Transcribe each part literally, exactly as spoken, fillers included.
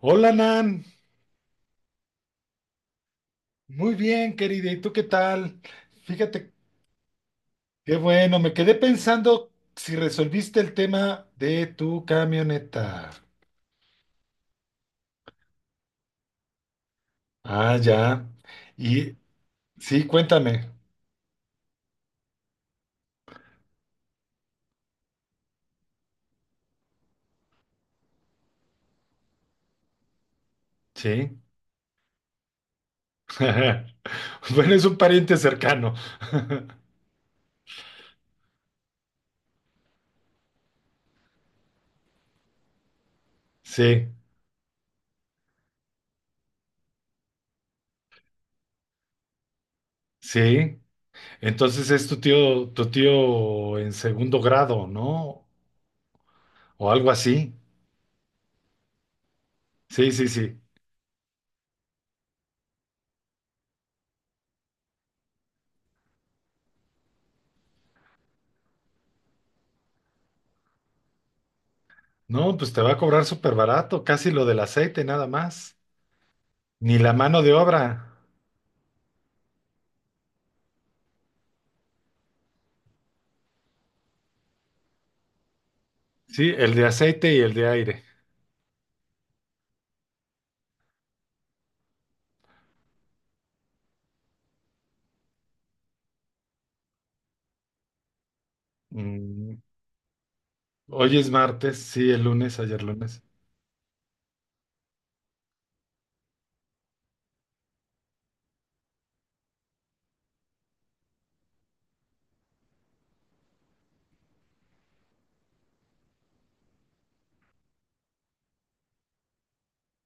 Hola Nan, muy bien querida, ¿y tú qué tal? Fíjate, qué bueno, me quedé pensando si resolviste el tema de tu camioneta. Ah, ya. Y sí, cuéntame. Sí. Bueno, es un pariente cercano. Sí, sí. Entonces es tu tío, tu tío en segundo grado, ¿no? O algo así. Sí, sí, sí. No, pues te va a cobrar súper barato, casi lo del aceite, nada más. Ni la mano de obra. Sí, el de aceite y el de aire. Mm, hoy es martes, sí, el lunes, ayer lunes.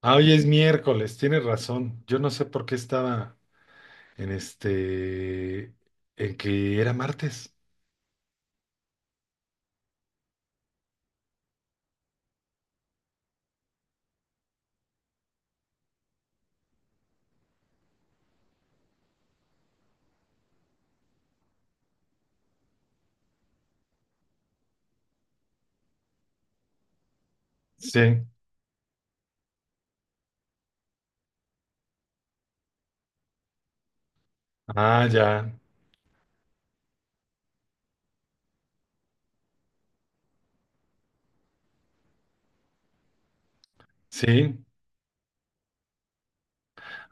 Ah, hoy es miércoles, tienes razón. Yo no sé por qué estaba en este, en que era martes. Sí. Ah, ya. Sí.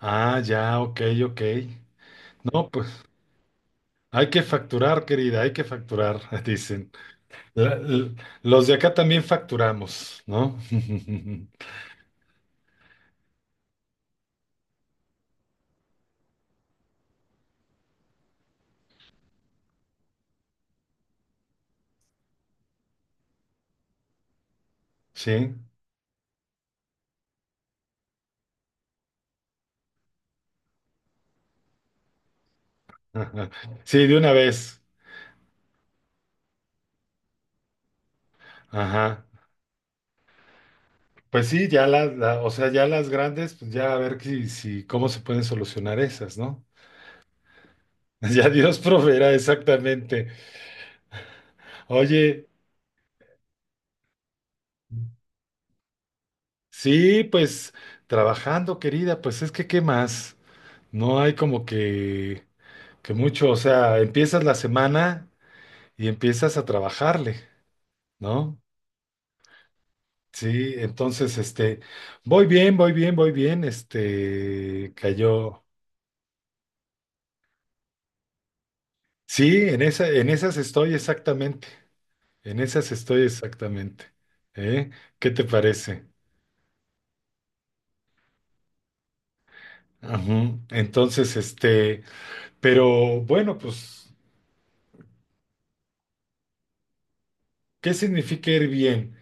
Ah, ya, ok, ok. No, pues hay que facturar, querida, hay que facturar, dicen. La- l- los de acá también facturamos, ¿no? Sí. Sí, de una vez. Ajá. Pues sí, ya las, la- o sea, ya las grandes, pues ya a ver si, si, cómo se pueden solucionar esas, ¿no? Ya Dios proveerá exactamente. Oye, sí, pues trabajando, querida, pues es que, ¿qué más? No hay como que, que mucho, o sea, empiezas la semana y empiezas a trabajarle, ¿no? Sí, entonces, este, voy bien, voy bien, voy bien, este, cayó. Sí, en esa, en esas estoy exactamente. En esas estoy exactamente. ¿Eh? ¿Qué te parece? Ujú. Entonces, este, pero bueno, pues, ¿qué significa ir bien?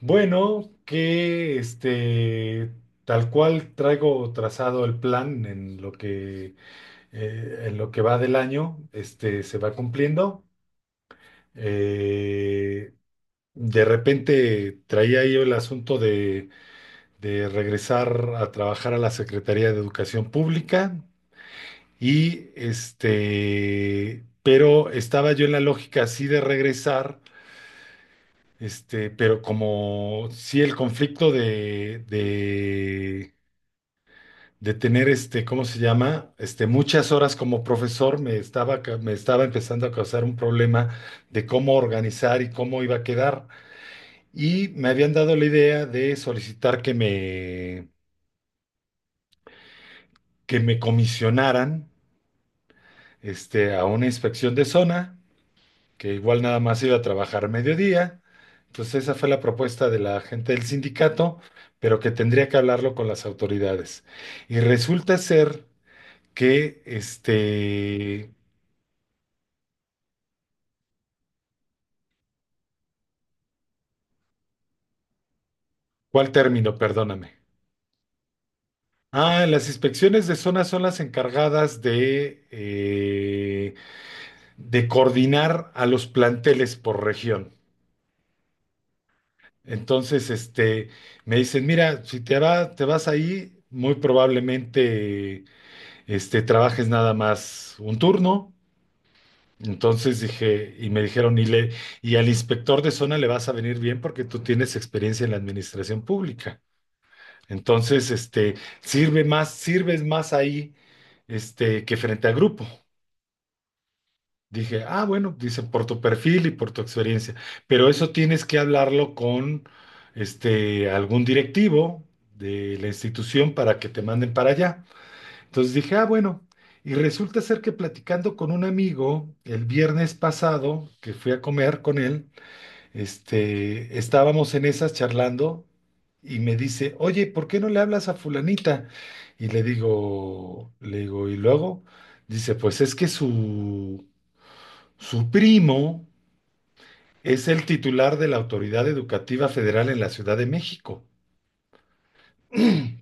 Bueno, que este, tal cual traigo trazado el plan en lo que, eh, en lo que va del año, este, se va cumpliendo. Eh, de repente traía yo el asunto de de regresar a trabajar a la Secretaría de Educación Pública. Y este, pero estaba yo en la lógica así de regresar, este, pero como sí el conflicto de, de, de tener este, ¿cómo se llama? Este, muchas horas como profesor me estaba, ca- me estaba empezando a causar un problema de cómo organizar y cómo iba a quedar. Y me habían dado la idea de solicitar que me, que me comisionaran, este, a una inspección de zona. Que igual nada más iba a trabajar mediodía. Entonces esa fue la propuesta de la gente del sindicato, pero que tendría que hablarlo con las autoridades. Y resulta ser que, este, ¿cuál término? Perdóname. Ah, las inspecciones de zona son las encargadas de, eh, de coordinar a los planteles por región. Entonces, este, me dicen, mira, si te va- te vas ahí, muy probablemente este, trabajes nada más un turno. Entonces dije, y me dijeron, y, le, y al inspector de zona le vas a venir bien porque tú tienes experiencia en la administración pública. Entonces, este, sirve más, sirves más ahí, este, que frente a grupo. Dije, ah, bueno, dice, por tu perfil y por tu experiencia, pero eso tienes que hablarlo con, este, algún directivo de la institución para que te manden para allá. Entonces dije, ah, bueno, y resulta ser que platicando con un amigo el viernes pasado, que fui a comer con él, este, estábamos en esas charlando y me dice, oye, ¿por qué no le hablas a fulanita? Y le digo, le digo, y luego dice, pues es que su, su primo es el titular de la Autoridad Educativa Federal en la Ciudad de México.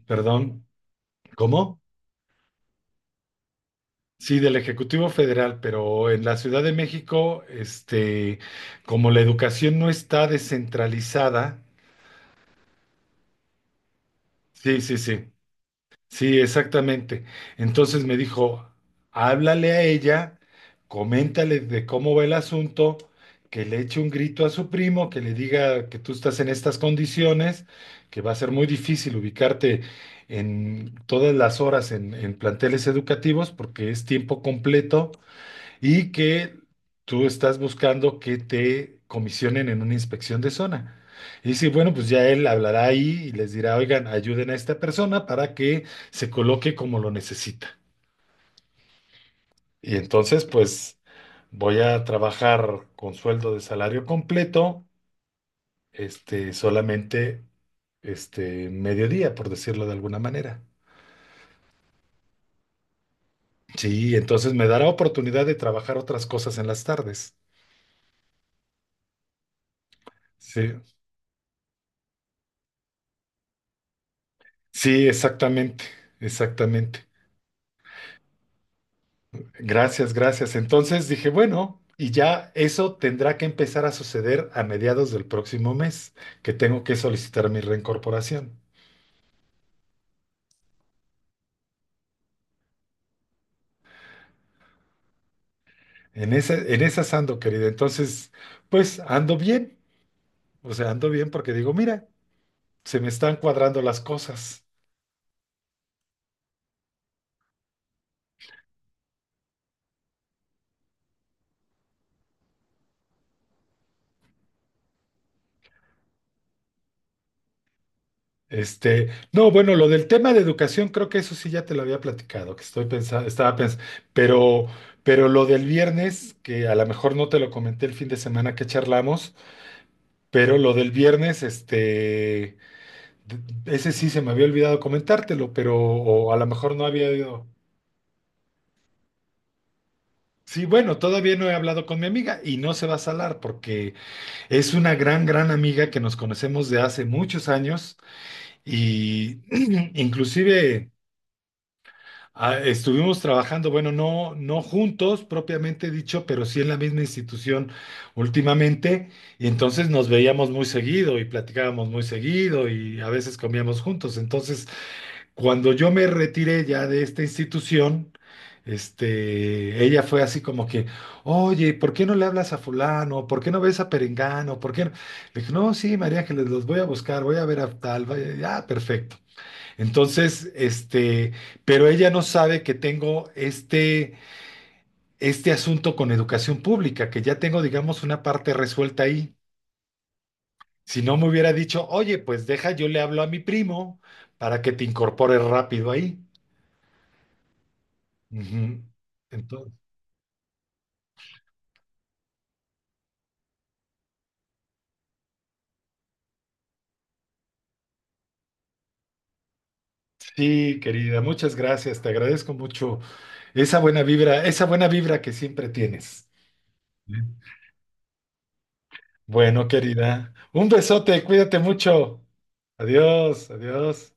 Perdón, ¿cómo? Sí, del Ejecutivo Federal, pero en la Ciudad de México, este, como la educación no está descentralizada, sí, sí, sí, sí, exactamente. Entonces me dijo, háblale a ella, coméntale de cómo va el asunto, que le eche un grito a su primo, que le diga que tú estás en estas condiciones, que va a ser muy difícil ubicarte en todas las horas en en planteles educativos porque es tiempo completo y que tú estás buscando que te comisionen en una inspección de zona. Y sí, bueno, pues ya él hablará ahí y les dirá, oigan, ayuden a esta persona para que se coloque como lo necesita. Y entonces, pues voy a trabajar con sueldo de salario completo, este, solamente, este, mediodía, por decirlo de alguna manera. Sí, entonces me dará oportunidad de trabajar otras cosas en las tardes. Sí, sí, exactamente, exactamente. Gracias, gracias. Entonces dije, bueno, y ya eso tendrá que empezar a suceder a mediados del próximo mes, que tengo que solicitar mi reincorporación. En ese, en esas ando, querida. Entonces, pues ando bien. O sea, ando bien porque digo, mira, se me están cuadrando las cosas. Este, no, bueno, lo del tema de educación, creo que eso sí ya te lo había platicado, que estoy pensando, estaba pensando, pero, pero lo del viernes, que a lo mejor no te lo comenté el fin de semana que charlamos. Pero lo del viernes, este, d- ese sí se me había olvidado comentártelo, pero o a lo mejor no había ido. Sí, bueno, todavía no he hablado con mi amiga y no se va a salar porque es una gran, gran amiga que nos conocemos de hace muchos años y inclusive ah, estuvimos trabajando, bueno, no, no juntos propiamente dicho, pero sí en la misma institución últimamente y entonces nos veíamos muy seguido y platicábamos muy seguido y a veces comíamos juntos. Entonces, cuando yo me retiré ya de esta institución, este, ella fue así como que, oye, ¿por qué no le hablas a fulano? ¿Por qué no ves a Perengano? ¿Por qué no? Le dije, no, sí, María Ángeles, los voy a buscar, voy a ver a tal, vaya, ya, perfecto. Entonces, este, pero ella no sabe que tengo este, este asunto con educación pública, que ya tengo, digamos, una parte resuelta ahí. Si no me hubiera dicho, oye, pues deja, yo le hablo a mi primo para que te incorpores rápido ahí. Ujú. Entonces, sí, querida, muchas gracias. Te agradezco mucho esa buena vibra, esa buena vibra que siempre tienes. ¿Eh? Bueno, querida, un besote, cuídate mucho. Adiós, adiós.